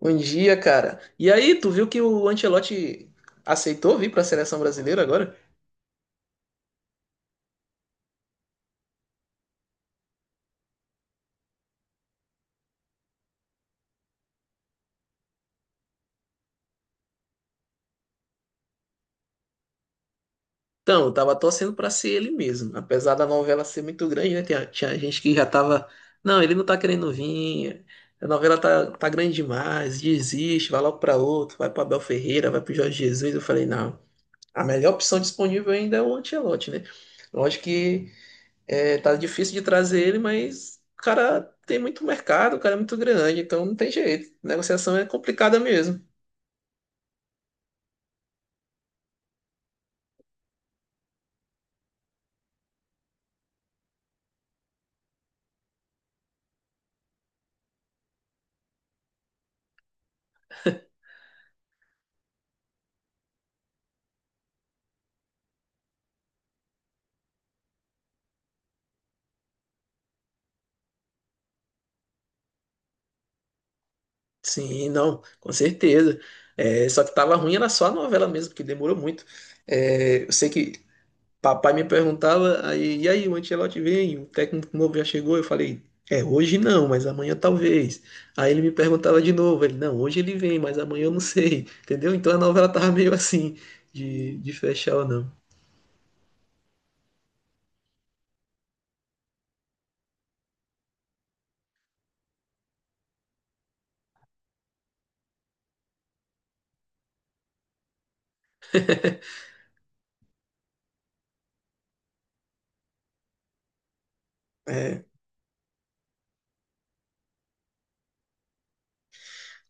Bom dia, cara. E aí, tu viu que o Ancelotti aceitou vir para a seleção brasileira agora? Então, eu tava torcendo para ser ele mesmo. Apesar da novela ser muito grande, né? Tinha gente que já tava. Não, ele não tá querendo vir. A novela tá grande demais. Desiste, vai logo para outro. Vai para Abel Ferreira, vai para Jorge Jesus. Eu falei, não. A melhor opção disponível ainda é o Ancelotti, né? Lógico que. É, tá difícil de trazer ele, mas o cara tem muito mercado, o cara é muito grande, então não tem jeito. Negociação é complicada mesmo. Sim, não, com certeza. É, só que tava ruim era só a novela mesmo, porque demorou muito. É, eu sei que papai me perguntava, aí, e aí, o Ancelotti vem, o técnico novo já chegou, eu falei, é, hoje não, mas amanhã talvez. Aí ele me perguntava de novo, ele, não, hoje ele vem, mas amanhã eu não sei, entendeu? Então a novela tava meio assim, de fechar ou não.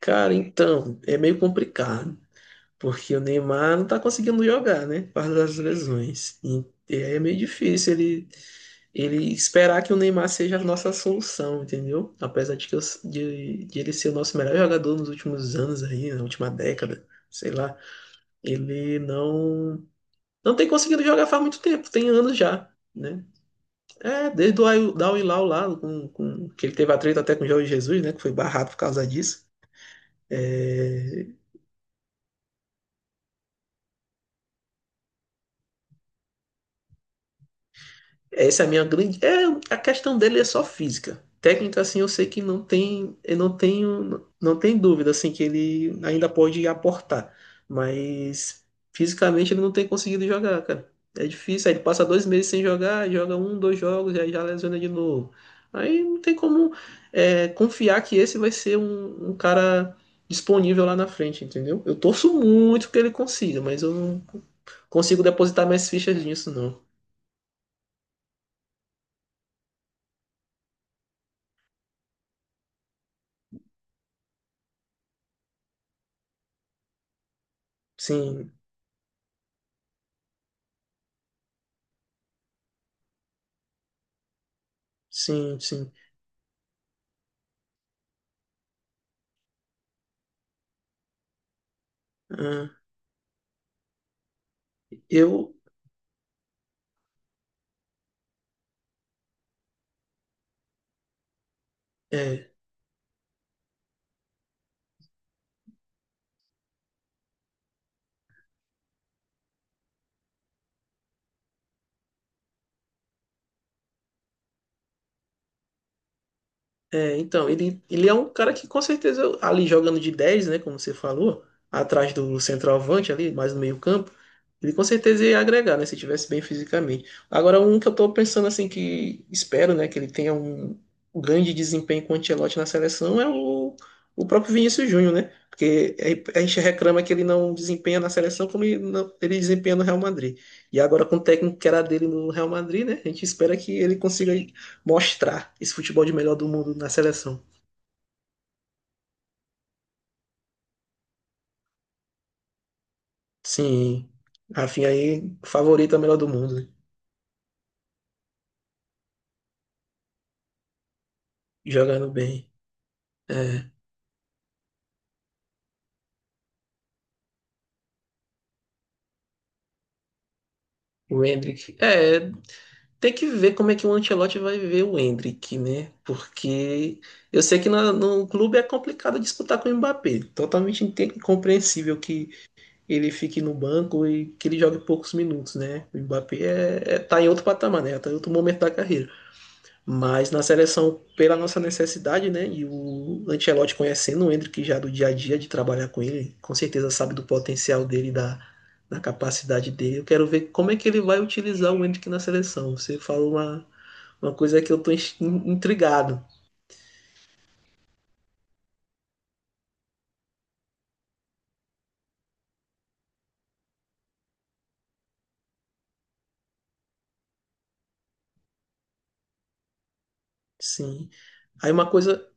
Cara, então, é meio complicado, porque o Neymar não tá conseguindo jogar, né? Por causa das lesões. E aí é meio difícil ele, esperar que o Neymar seja a nossa solução, entendeu? Apesar de, que eu- de ele ser o nosso melhor jogador nos últimos anos aí, na última década, sei lá, ele não tem conseguido jogar faz muito tempo, tem anos já, né? É, desde da Al Hilal lá, com, que ele teve atrito até com o Jorge Jesus, né? Que foi barrado por causa disso. É, É, essa é a minha grande. É, a questão dele é só física. Técnica, assim, eu sei que não tem. Eu não tenho. Não tem dúvida, assim, que ele ainda pode aportar. Mas fisicamente ele não tem conseguido jogar, cara. É difícil. Aí ele passa 2 meses sem jogar, joga um, dois jogos, e aí já lesiona de novo. Aí não tem como confiar que esse vai ser um cara disponível lá na frente, entendeu? Eu torço muito que ele consiga, mas eu não consigo depositar mais fichas nisso, não. Sim, sim, sim. Ah, eu. É, então, ele é um cara que com certeza ali jogando de dez, né? Como você falou, atrás do centroavante ali, mais no meio-campo, ele com certeza ia agregar, né? Se tivesse bem fisicamente. Agora, um que eu tô pensando assim, que espero, né, que ele tenha um grande desempenho com o Ancelotti na seleção é o próprio Vinícius Júnior, né? Porque é, a gente reclama que ele não desempenha na seleção como ele, não- ele desempenha no Real Madrid. E agora com o técnico que era dele no Real Madrid, né? A gente espera que ele consiga mostrar esse futebol de melhor do mundo na seleção. Sim, Rafinha aí, favorito a melhor do mundo, né? Jogando bem. É, o Endrick. É, tem que ver como é que o Ancelotti vai ver o Endrick, né? Porque eu sei que no clube é complicado disputar com o Mbappé. Totalmente incompreensível que ele fique no banco e que ele jogue poucos minutos, né? O Mbappé tá em outro patamar, né? Tá em outro momento da carreira. Mas na seleção, pela nossa necessidade, né? E o Ancelotti conhecendo o Endrick já do dia a dia de trabalhar com ele, com certeza sabe do potencial dele, da capacidade dele. Eu quero ver como é que ele vai utilizar o Endrick na seleção. Você falou uma coisa que eu tô intrigado. Sim. Aí uma coisa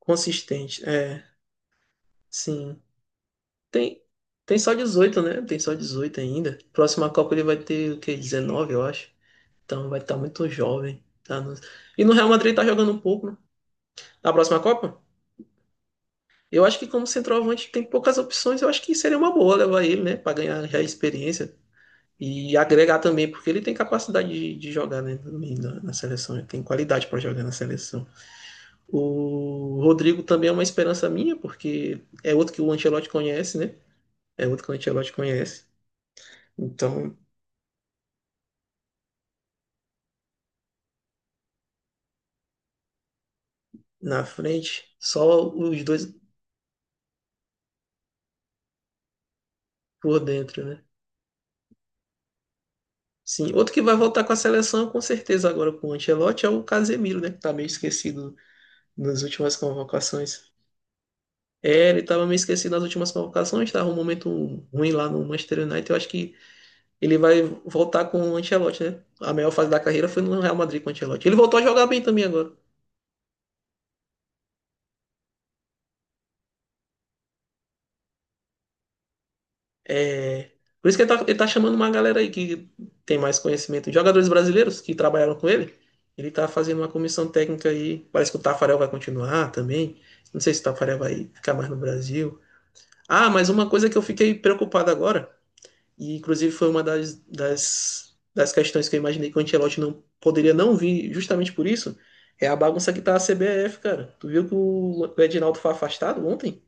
consistente. É, sim. Tem, tem só 18, né? Tem só 18 ainda. Próxima Copa ele vai ter o quê? 19, eu acho. Então vai estar muito jovem. Tá E no Real Madrid tá jogando um pouco, né? Na próxima Copa? Eu acho que como centroavante tem poucas opções, eu acho que seria uma boa levar ele, né? Para ganhar já experiência e agregar também, porque ele tem capacidade de jogar, né, também na seleção, ele tem qualidade para jogar na seleção. O Rodrigo também é uma esperança minha, porque é outro que o Ancelotti conhece, né? É outro que o Ancelotti conhece. Então, na frente, só os dois por dentro, né? Sim, outro que vai voltar com a seleção, com certeza, agora com o Ancelotti é o Casemiro, né? Que tá meio esquecido nas últimas convocações. É, ele estava meio esquecido nas últimas convocações, estava um momento ruim lá no Manchester United. Eu acho que ele vai voltar com o Ancelotti, né? A melhor fase da carreira foi no Real Madrid com o Ancelotti. Ele voltou a jogar bem também agora. É. Por isso que ele tá chamando uma galera aí que tem mais conhecimento. Jogadores brasileiros que trabalharam com ele. Ele tá fazendo uma comissão técnica aí. Parece que o Tafarel vai continuar também. Não sei se o Tafarel vai ficar mais no Brasil. Ah, mas uma coisa que eu fiquei preocupado agora. E, inclusive, foi uma das questões que eu imaginei que o Ancelotti não poderia não vir, justamente por isso. É a bagunça que tá a CBF, cara. Tu viu que o Edinaldo foi afastado ontem?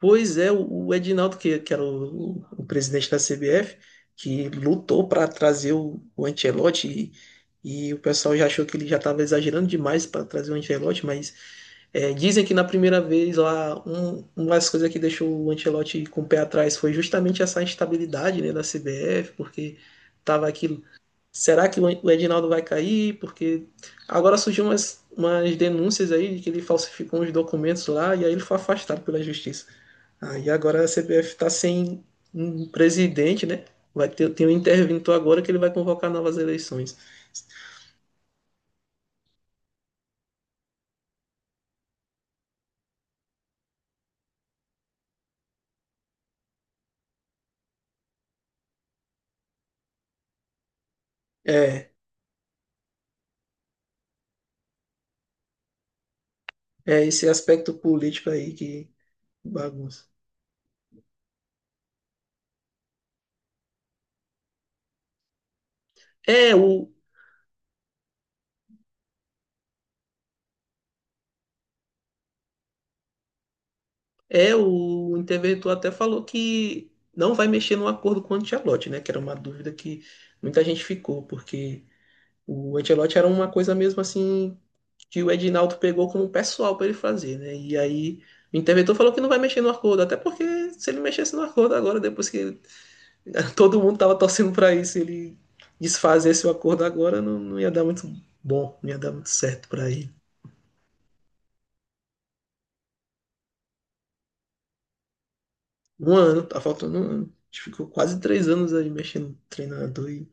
Pois é, o Edinaldo, que era o presidente da CBF, que lutou para trazer o Ancelotti e o pessoal já achou que ele já estava exagerando demais para trazer o Ancelotti, mas. É, dizem que na primeira vez lá, uma das coisas que deixou o Ancelotti com o pé atrás foi justamente essa instabilidade, né, da CBF, porque tava aquilo. Será que o Edinaldo vai cair? Porque agora surgiu umas denúncias aí de que ele falsificou uns documentos lá e aí ele foi afastado pela justiça. Aí agora a CBF está sem um presidente, né? Vai ter, tem um interventor agora que ele vai convocar novas eleições. É, é esse aspecto político aí que bagunça. É, o, o interventor até falou que não vai mexer no acordo com o Ancelotti, né? Que era uma dúvida que muita gente ficou, porque o Ancelotti era uma coisa mesmo assim que o Edinaldo pegou como pessoal para ele fazer, né? E aí o interventor falou que não vai mexer no acordo, até porque se ele mexesse no acordo agora, depois todo mundo tava torcendo para isso, ele desfazesse o acordo agora, não, não ia dar muito bom, não ia dar muito certo para ele. Um ano, tá faltando um ano. A gente ficou quase 3 anos aí mexendo no treinador e.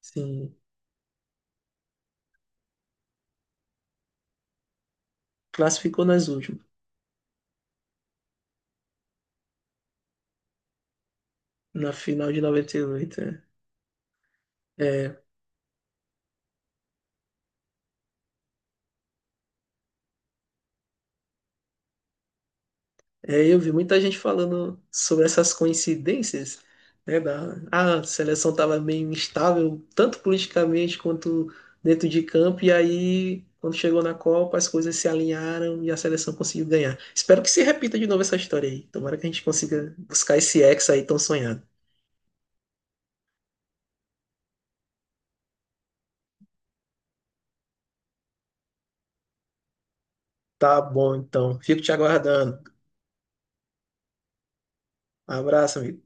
Sim, classificou nas últimas, na final de 98, né? É, é, é, eu vi muita gente falando sobre essas coincidências, né, a seleção estava meio instável, tanto politicamente quanto dentro de campo, e aí, quando chegou na Copa, as coisas se alinharam e a seleção conseguiu ganhar. Espero que se repita de novo essa história aí. Tomara que a gente consiga buscar esse ex aí tão sonhado. Tá bom, então. Fico te aguardando. Abraço, amigo.